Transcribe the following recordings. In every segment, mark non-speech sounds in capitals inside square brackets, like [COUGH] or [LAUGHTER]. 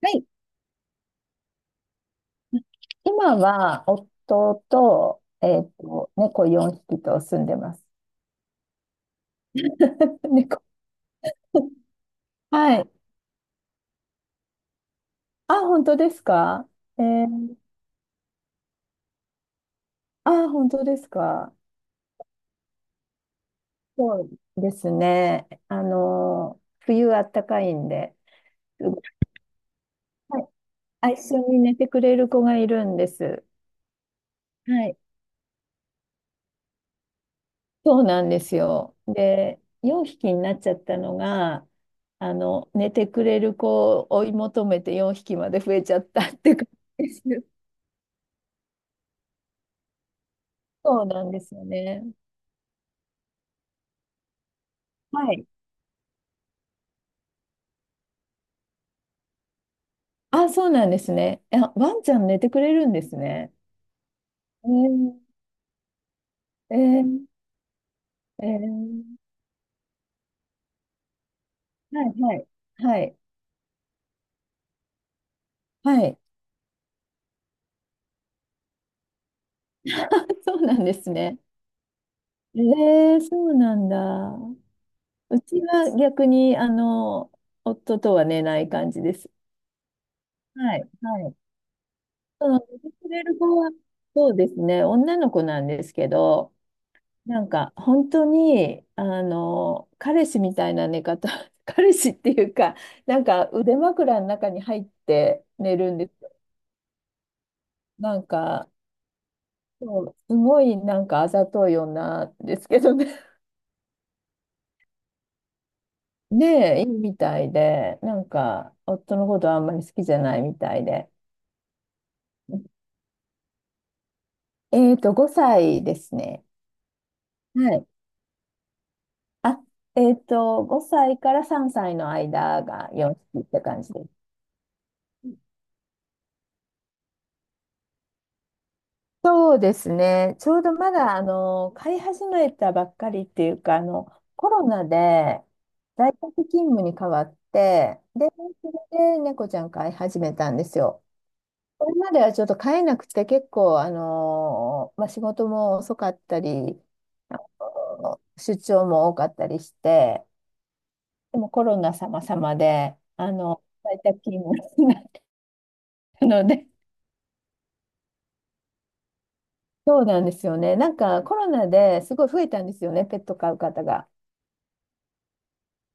はい。今は、夫と、猫4匹と住んでます。[LAUGHS] 猫。はい。あ、本当ですか？えー、あ、本当ですか？そうですね。冬あったかいんで、すごい、はい、あ、一緒に寝てくれる子がいるんです。はい。そうなんですよ。で、4匹になっちゃったのが、寝てくれる子を追い求めて4匹まで増えちゃったって感じです。そうなんですよね。はい。あ、そうなんですね。え、ワンちゃん寝てくれるんですね。えー、えー、えー、はい、はい。はい、はい。[LAUGHS] あ、そうなんですね。えー、そうなんだ。うちは逆に、夫とは寝ない感じです。はい、はい。その、寝てくれる子は、そうですね、女の子なんですけど、なんか本当にあの彼氏みたいな寝方。 [LAUGHS] 彼氏っていうか、なんか腕枕の中に入って寝るんですよ。なんか、そう、すごいなんかあざとい女ですけどね。 [LAUGHS] ねえ、いいみたいで、なんか夫のことあんまり好きじゃないみたいで。5歳ですね。はい。あ、5歳から3歳の間が4匹って感じです。そうですね。ちょうどまだ、飼い始めたばっかりっていうか、コロナで在宅勤務に変わって、で、それで猫ちゃん飼い始めたんですよ。これまではちょっと飼えなくて結構、まあ、仕事も遅かったり、あ出張も多かったりして、でもコロナ様々で、在宅勤務になったので、そうなんですよね。なんかコロナですごい増えたんですよね、ペット飼う方が。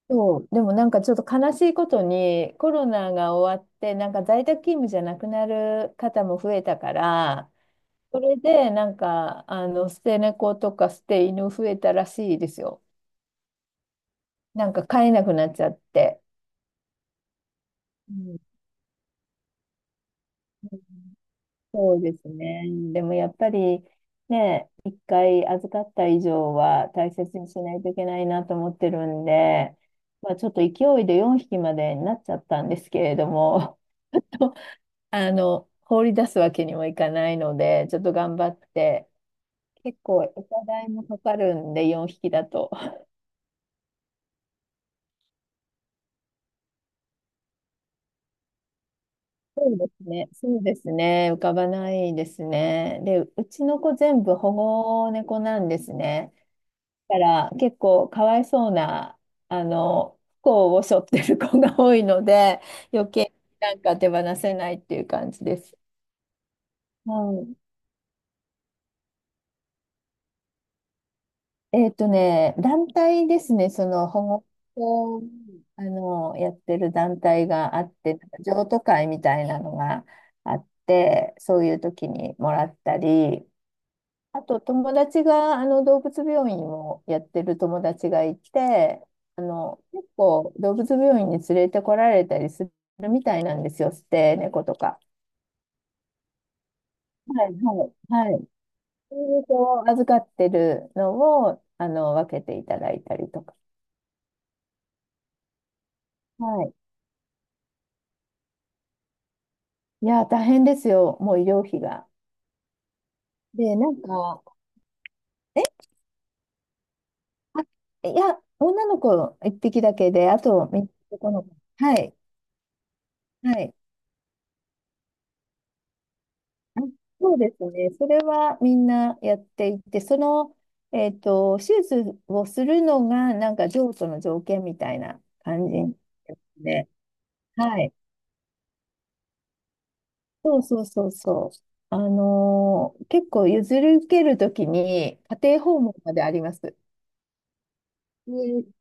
そう、でもなんかちょっと悲しいことにコロナが終わってなんか在宅勤務じゃなくなる方も増えたから、それでなんか捨て猫とか捨て犬増えたらしいですよ。なんか飼えなくなっちゃって。うん、そうですね。でもやっぱりね、一回預かった以上は大切にしないといけないなと思ってるんで、まあ、ちょっと勢いで4匹までになっちゃったんですけれども、[LAUGHS] 放り出すわけにもいかないので、ちょっと頑張って、結構お互いもかかるんで、4匹だと。そうですね、そうですね、浮かばないですね。で、うちの子全部保護猫なんですね。だから結構かわいそうな、不幸を背負ってる子が多いので、余計なんか手放せないっていう感じです。はい。団体ですね、その保護法をやってる団体があって、なんか譲渡会みたいなのがあって、そういう時にもらったり、あと友達が動物病院をやってる友達がいて、結構動物病院に連れてこられたりするみたいなんですよ、捨て猫とか。はいはいはい。そういうこう預かってるのを分けていただいたりとか。はい、いや、大変ですよ、もう医療費が。で、なんか、あ、いや、女の子一匹だけで、あと、みんな男の子。はい、はい。あ、そうですね、それはみんなやっていて、その、手術をするのが、なんか、譲渡の条件みたいな感じですね。はい。そうそうそうそう。結構譲り受けるときに、家庭訪問まであります。で、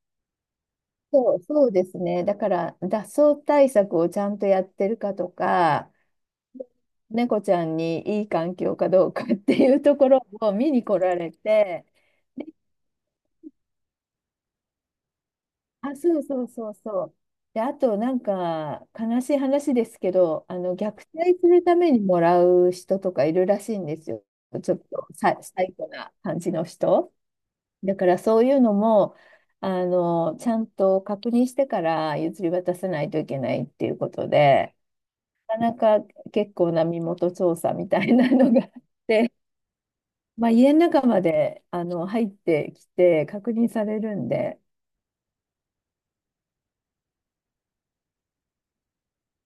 そう、そうですね。だから、脱走対策をちゃんとやってるかとか、猫ちゃんにいい環境かどうかっていうところを見に来られて、あ、そうそうそうそう。で、あと、なんか、悲しい話ですけど、虐待するためにもらう人とかいるらしいんですよ。ちょっとサイコな感じの人。だから、そういうのも、ちゃんと確認してから譲り渡さないといけないっていうことで。なかなか結構な身元調査みたいなのが。 [LAUGHS] まあ、家の中まで入ってきて確認されるんで、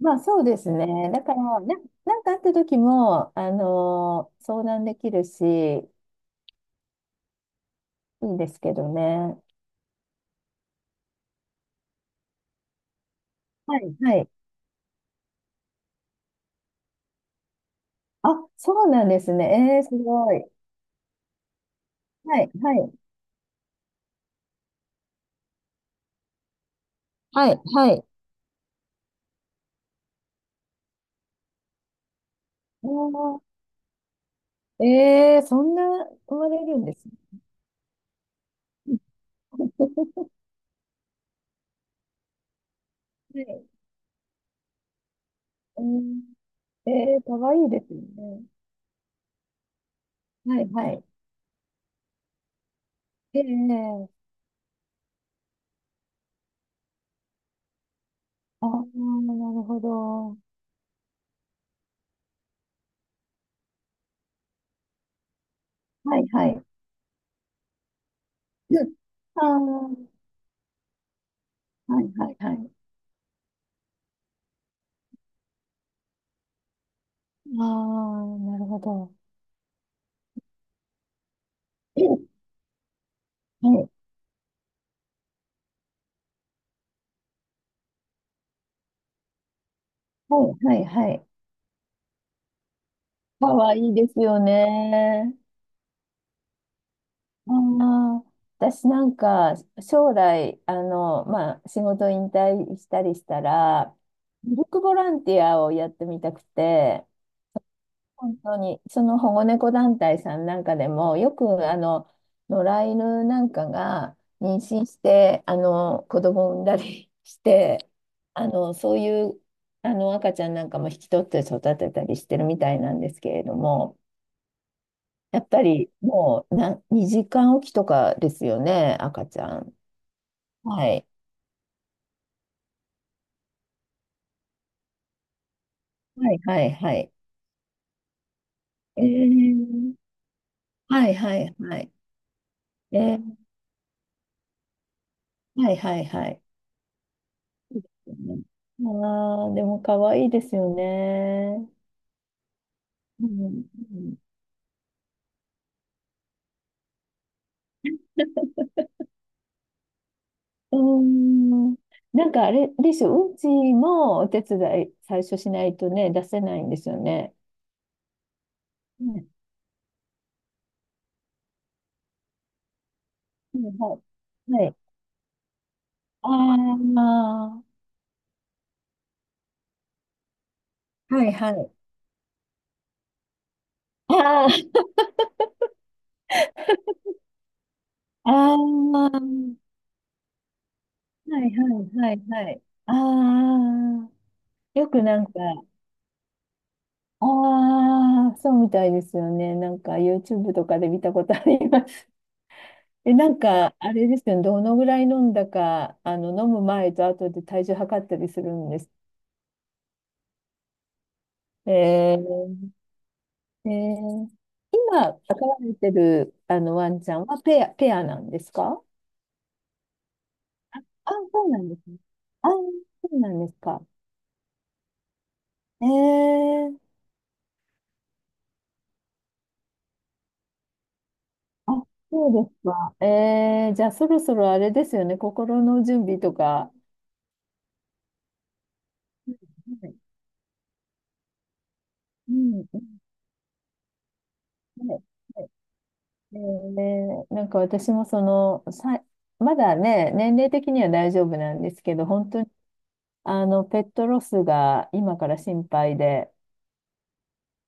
まあそうですね、だからな、なんかあった時も相談できるし、いいんですけどね。はい、はい。あ、そうなんですね。えー、すごい。はい、はい、はい、はい。おー、えー、そんな生まれるんですね。[LAUGHS] はい。うん、えー、かわいいですよね。はい、はい。ええ、ああ、なるほど。はいはい。うん。ああ、はいはいはい。ああ、なるほど。うん、はいはいはいはい。かわいいですよね。ああ、私なんか将来、まあ仕事引退したりしたら、ミルクボランティアをやってみたくて、本当に、その保護猫団体さんなんかでも、よく野良犬なんかが妊娠して、子供を産んだりして、そういう赤ちゃんなんかも引き取って育てたりしてるみたいなんですけれども、やっぱりもうな時間おきとかですよね、赤ちゃん。はい。はいはいはい。えー、はいはいはい。えー、はいはいはい。ああ、でも可愛いですよね。うん。うん。うん、なんかあれでしょ、うんちもお手伝い最初しないとね、出せないんですよね。うん。うん、はい。はい。ああ、はいはい。ああ、ああ、はいはいはいはい。ああ、よくなんか、ああ、そうみたいですよね。なんか YouTube とかで見たことあります。え、なんか、あれですよね、どのぐらい飲んだか、飲む前と後で体重測ったりするんです。えー、えー、今、飼われてる、ワンちゃんはペアなんですか？あ、そうなんですね。あ、そうなんですか。えー、あ、そうですか。えー、じゃあ、そろそろあれですよね、心の準備とか。はい、はい、うん、はいはい、ねえ、なんか私もその、さ、まだね、年齢的には大丈夫なんですけど、本当にペットロスが今から心配で、